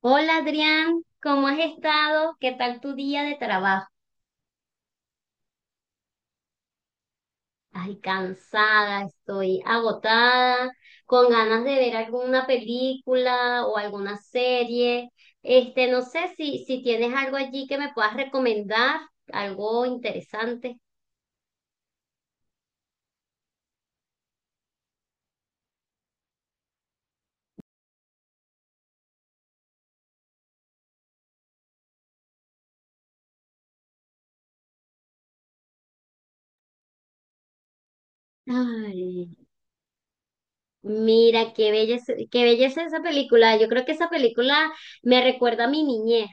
Hola Adrián, ¿cómo has estado? ¿Qué tal tu día de trabajo? Ay, cansada, estoy agotada, con ganas de ver alguna película o alguna serie. Este, no sé si tienes algo allí que me puedas recomendar, algo interesante. Ay, mira, qué belleza esa película. Yo creo que esa película me recuerda a mi niñez.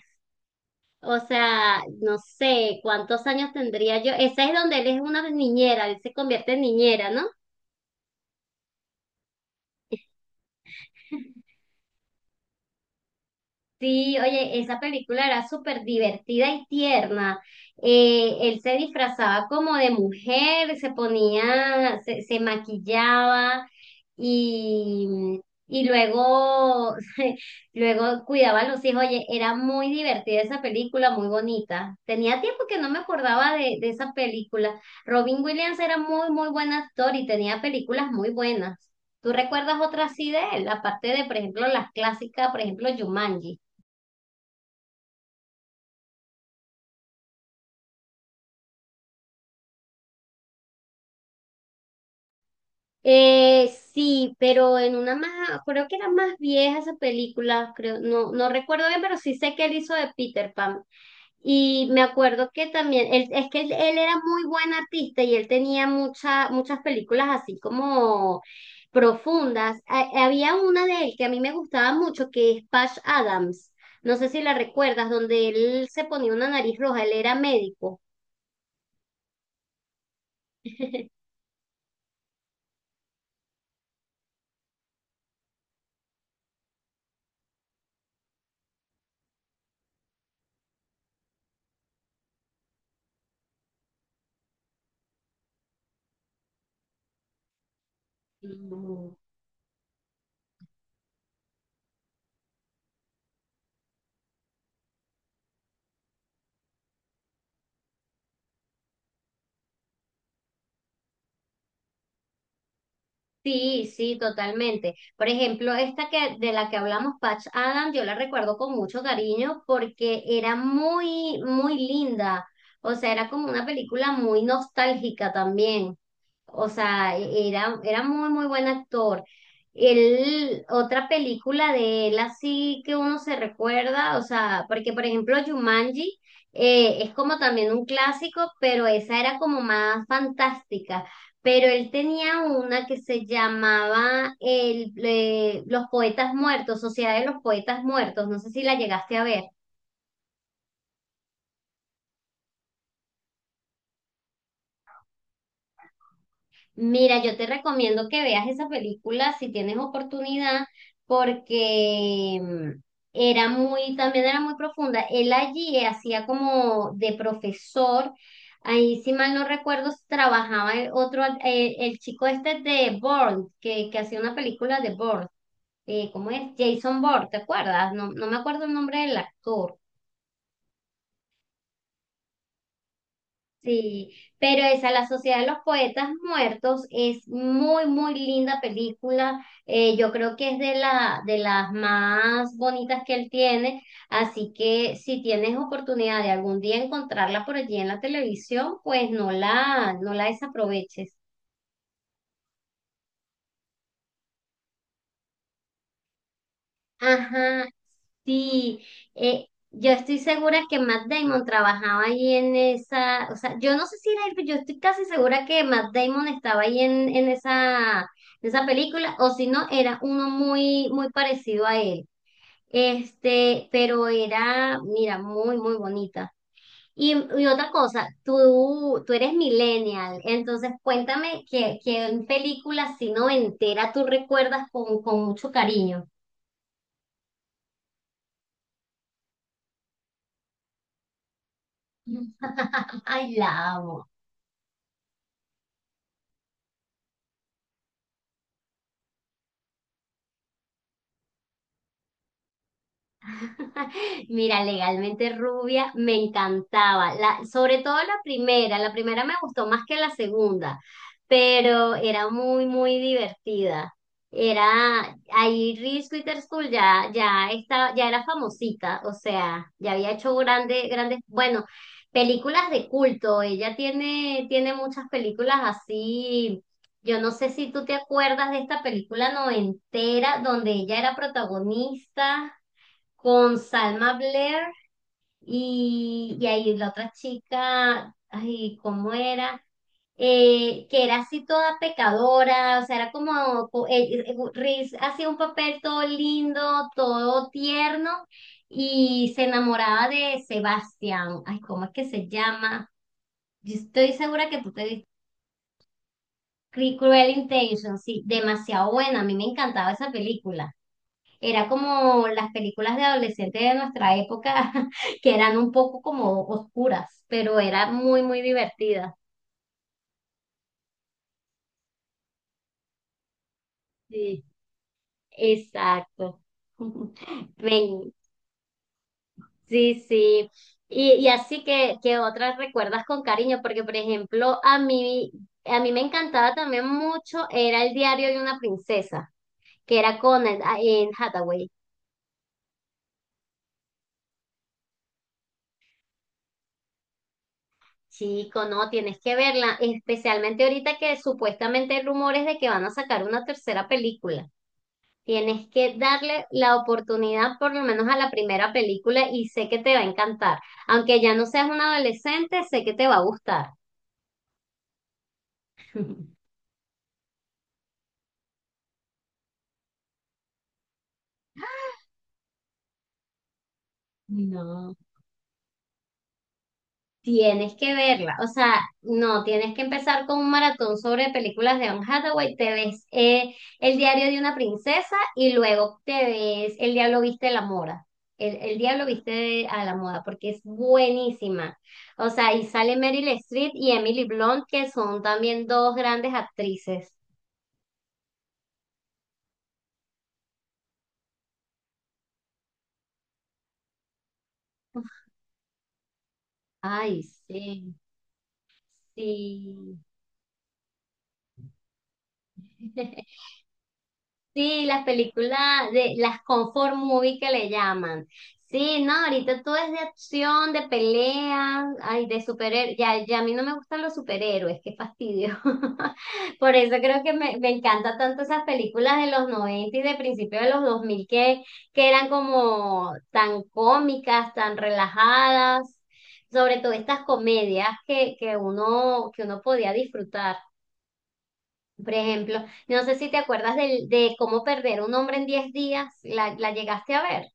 O sea, no sé cuántos años tendría yo. Esa es donde él es una niñera, él se convierte en niñera, ¿no? Sí, oye, esa película era súper divertida y tierna. Él se disfrazaba como de mujer, se ponía, se maquillaba y, y luego, luego cuidaba a los hijos. Oye, era muy divertida esa película, muy bonita. Tenía tiempo que no me acordaba de esa película. Robin Williams era muy, muy buen actor y tenía películas muy buenas. ¿Tú recuerdas otra así de él? Aparte de, por ejemplo, las clásicas, por ejemplo, Jumanji. Eh, sí, pero en una más, creo que era más vieja esa película, creo, no, no recuerdo bien, pero sí sé que él hizo de Peter Pan. Y me acuerdo que también, él, es que él era muy buen artista y él tenía mucha, muchas películas así como profundas. Había una de él que a mí me gustaba mucho, que es Patch Adams. No sé si la recuerdas, donde él se ponía una nariz roja, él era médico. Sí, sí, totalmente. Por ejemplo, esta que de la que hablamos, Patch Adams, yo la recuerdo con mucho cariño porque era muy, muy linda. O sea, era como una película muy nostálgica también. O sea, era, era muy, muy buen actor. Él, otra película de él así que uno se recuerda, o sea, porque por ejemplo Jumanji es como también un clásico, pero esa era como más fantástica. Pero él tenía una que se llamaba el, Los Poetas Muertos, Sociedad de los Poetas Muertos, no sé si la llegaste a ver. Mira, yo te recomiendo que veas esa película si tienes oportunidad, porque era muy, también era muy profunda. Él allí hacía como de profesor, ahí si mal no recuerdo, trabajaba el otro, el, chico este de Bourne, que hacía una película de Bourne, ¿cómo es? Jason Bourne, ¿te acuerdas? No, no me acuerdo el nombre del actor. Sí, pero esa, La Sociedad de los Poetas Muertos, es muy, muy linda película. Yo creo que es de la, de las más bonitas que él tiene. Así que si tienes oportunidad de algún día encontrarla por allí en la televisión, pues no no la desaproveches. Ajá, sí, yo estoy segura que Matt Damon trabajaba ahí en esa, o sea, yo no sé si era él, pero yo estoy casi segura que Matt Damon estaba ahí en esa película, o si no, era uno muy, muy parecido a él. Este, pero era, mira, muy, muy bonita. Y, y otra cosa, tú eres millennial, entonces cuéntame que en películas si noventera tú recuerdas con mucho cariño. Ay, la amo. Mira, legalmente rubia me encantaba, la, sobre todo la primera me gustó más que la segunda, pero era muy, muy divertida. Era, ahí Reese Witherspoon ya estaba, ya era famosita, o sea, ya había hecho grandes, grandes, bueno, películas de culto, ella tiene, tiene muchas películas así. Yo no sé si tú te acuerdas de esta película noventera donde ella era protagonista con Salma Blair y ahí la otra chica, ay, ¿cómo era? Que era así toda pecadora, o sea, era como, Reese hacía un papel todo lindo, todo tierno, y se enamoraba de Sebastián, ay, ¿cómo es que se llama? Yo estoy segura que tú te viste Cruel Intentions, sí, demasiado buena, a mí me encantaba esa película. Era como las películas de adolescentes de nuestra época, que eran un poco como oscuras, pero era muy, muy divertida. Sí, exacto. Ven, sí, sí. Y así que otras recuerdas con cariño, porque por ejemplo, a mí me encantaba también mucho, era el diario de una princesa, que era con en Hathaway. Chico, no, tienes que verla, especialmente ahorita que supuestamente hay rumores de que van a sacar una tercera película. Tienes que darle la oportunidad por lo menos a la primera película y sé que te va a encantar. Aunque ya no seas un adolescente, sé que te va a gustar. No. Tienes que verla, o sea, no, tienes que empezar con un maratón sobre películas de Anne Hathaway, te ves El diario de una princesa y luego te ves El diablo viste a la moda, el diablo viste a la moda, porque es buenísima, o sea, y sale Meryl Streep y Emily Blunt, que son también dos grandes actrices. Ay, sí, sí. Sí, las películas de las comfort movie que le llaman. Sí, no, ahorita todo es de acción, de pelea, ay, de superhéroes. Ya, ya a mí no me gustan los superhéroes, qué fastidio. Por eso creo que me encanta tanto esas películas de los 90 y de principios de los 2000 que eran como tan cómicas, tan relajadas, sobre todo estas comedias que uno podía disfrutar. Por ejemplo, no sé si te acuerdas de cómo perder un hombre en diez días, la llegaste a ver.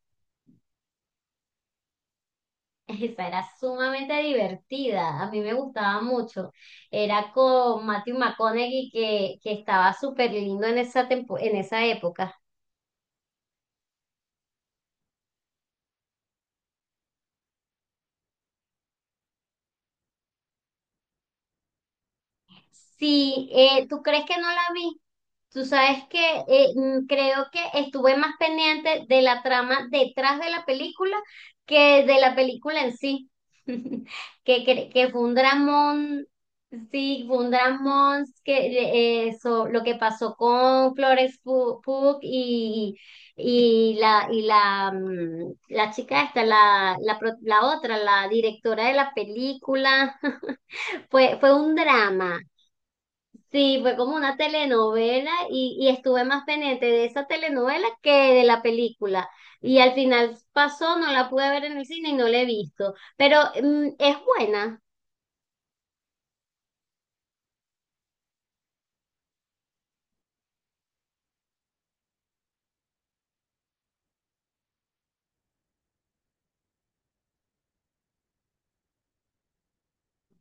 Esa era sumamente divertida, a mí me gustaba mucho. Era con Matthew McConaughey que estaba súper lindo en esa, en esa época. Sí, ¿tú crees que no la vi? Tú sabes que creo que estuve más pendiente de la trama detrás de la película que de la película en sí. Que fue un dramón, sí, fue un dramón que, lo que pasó con Florence Pugh Pugh y la, y la, la chica esta, la otra, la directora de la película, fue, fue un drama. Sí, fue como una telenovela y estuve más pendiente de esa telenovela que de la película. Y al final pasó, no la pude ver en el cine y no la he visto. Pero es buena.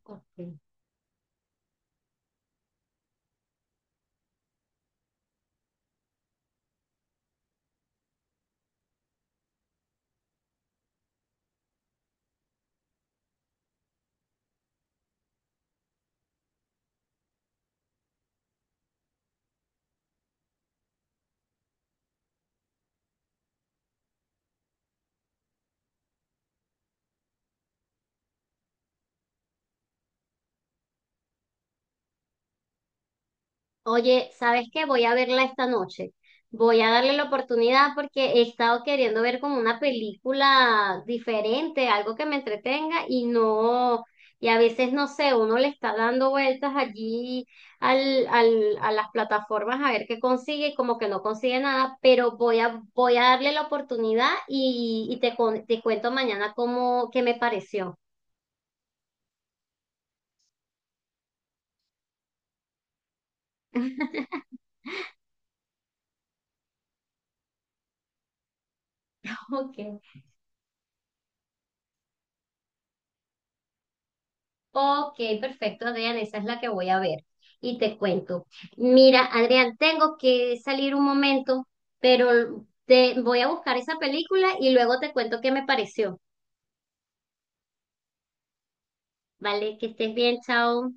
Ok. Oye, ¿sabes qué? Voy a verla esta noche. Voy a darle la oportunidad porque he estado queriendo ver como una película diferente, algo que me entretenga y no, y a veces no sé, uno le está dando vueltas allí a las plataformas a ver qué consigue y como que no consigue nada, pero voy a, voy a darle la oportunidad y, te cuento mañana cómo, qué me pareció. Ok. Ok, perfecto, Adrián, esa es la que voy a ver y te cuento. Mira, Adrián, tengo que salir un momento, pero te voy a buscar esa película y luego te cuento qué me pareció. Vale, que estés bien, chao.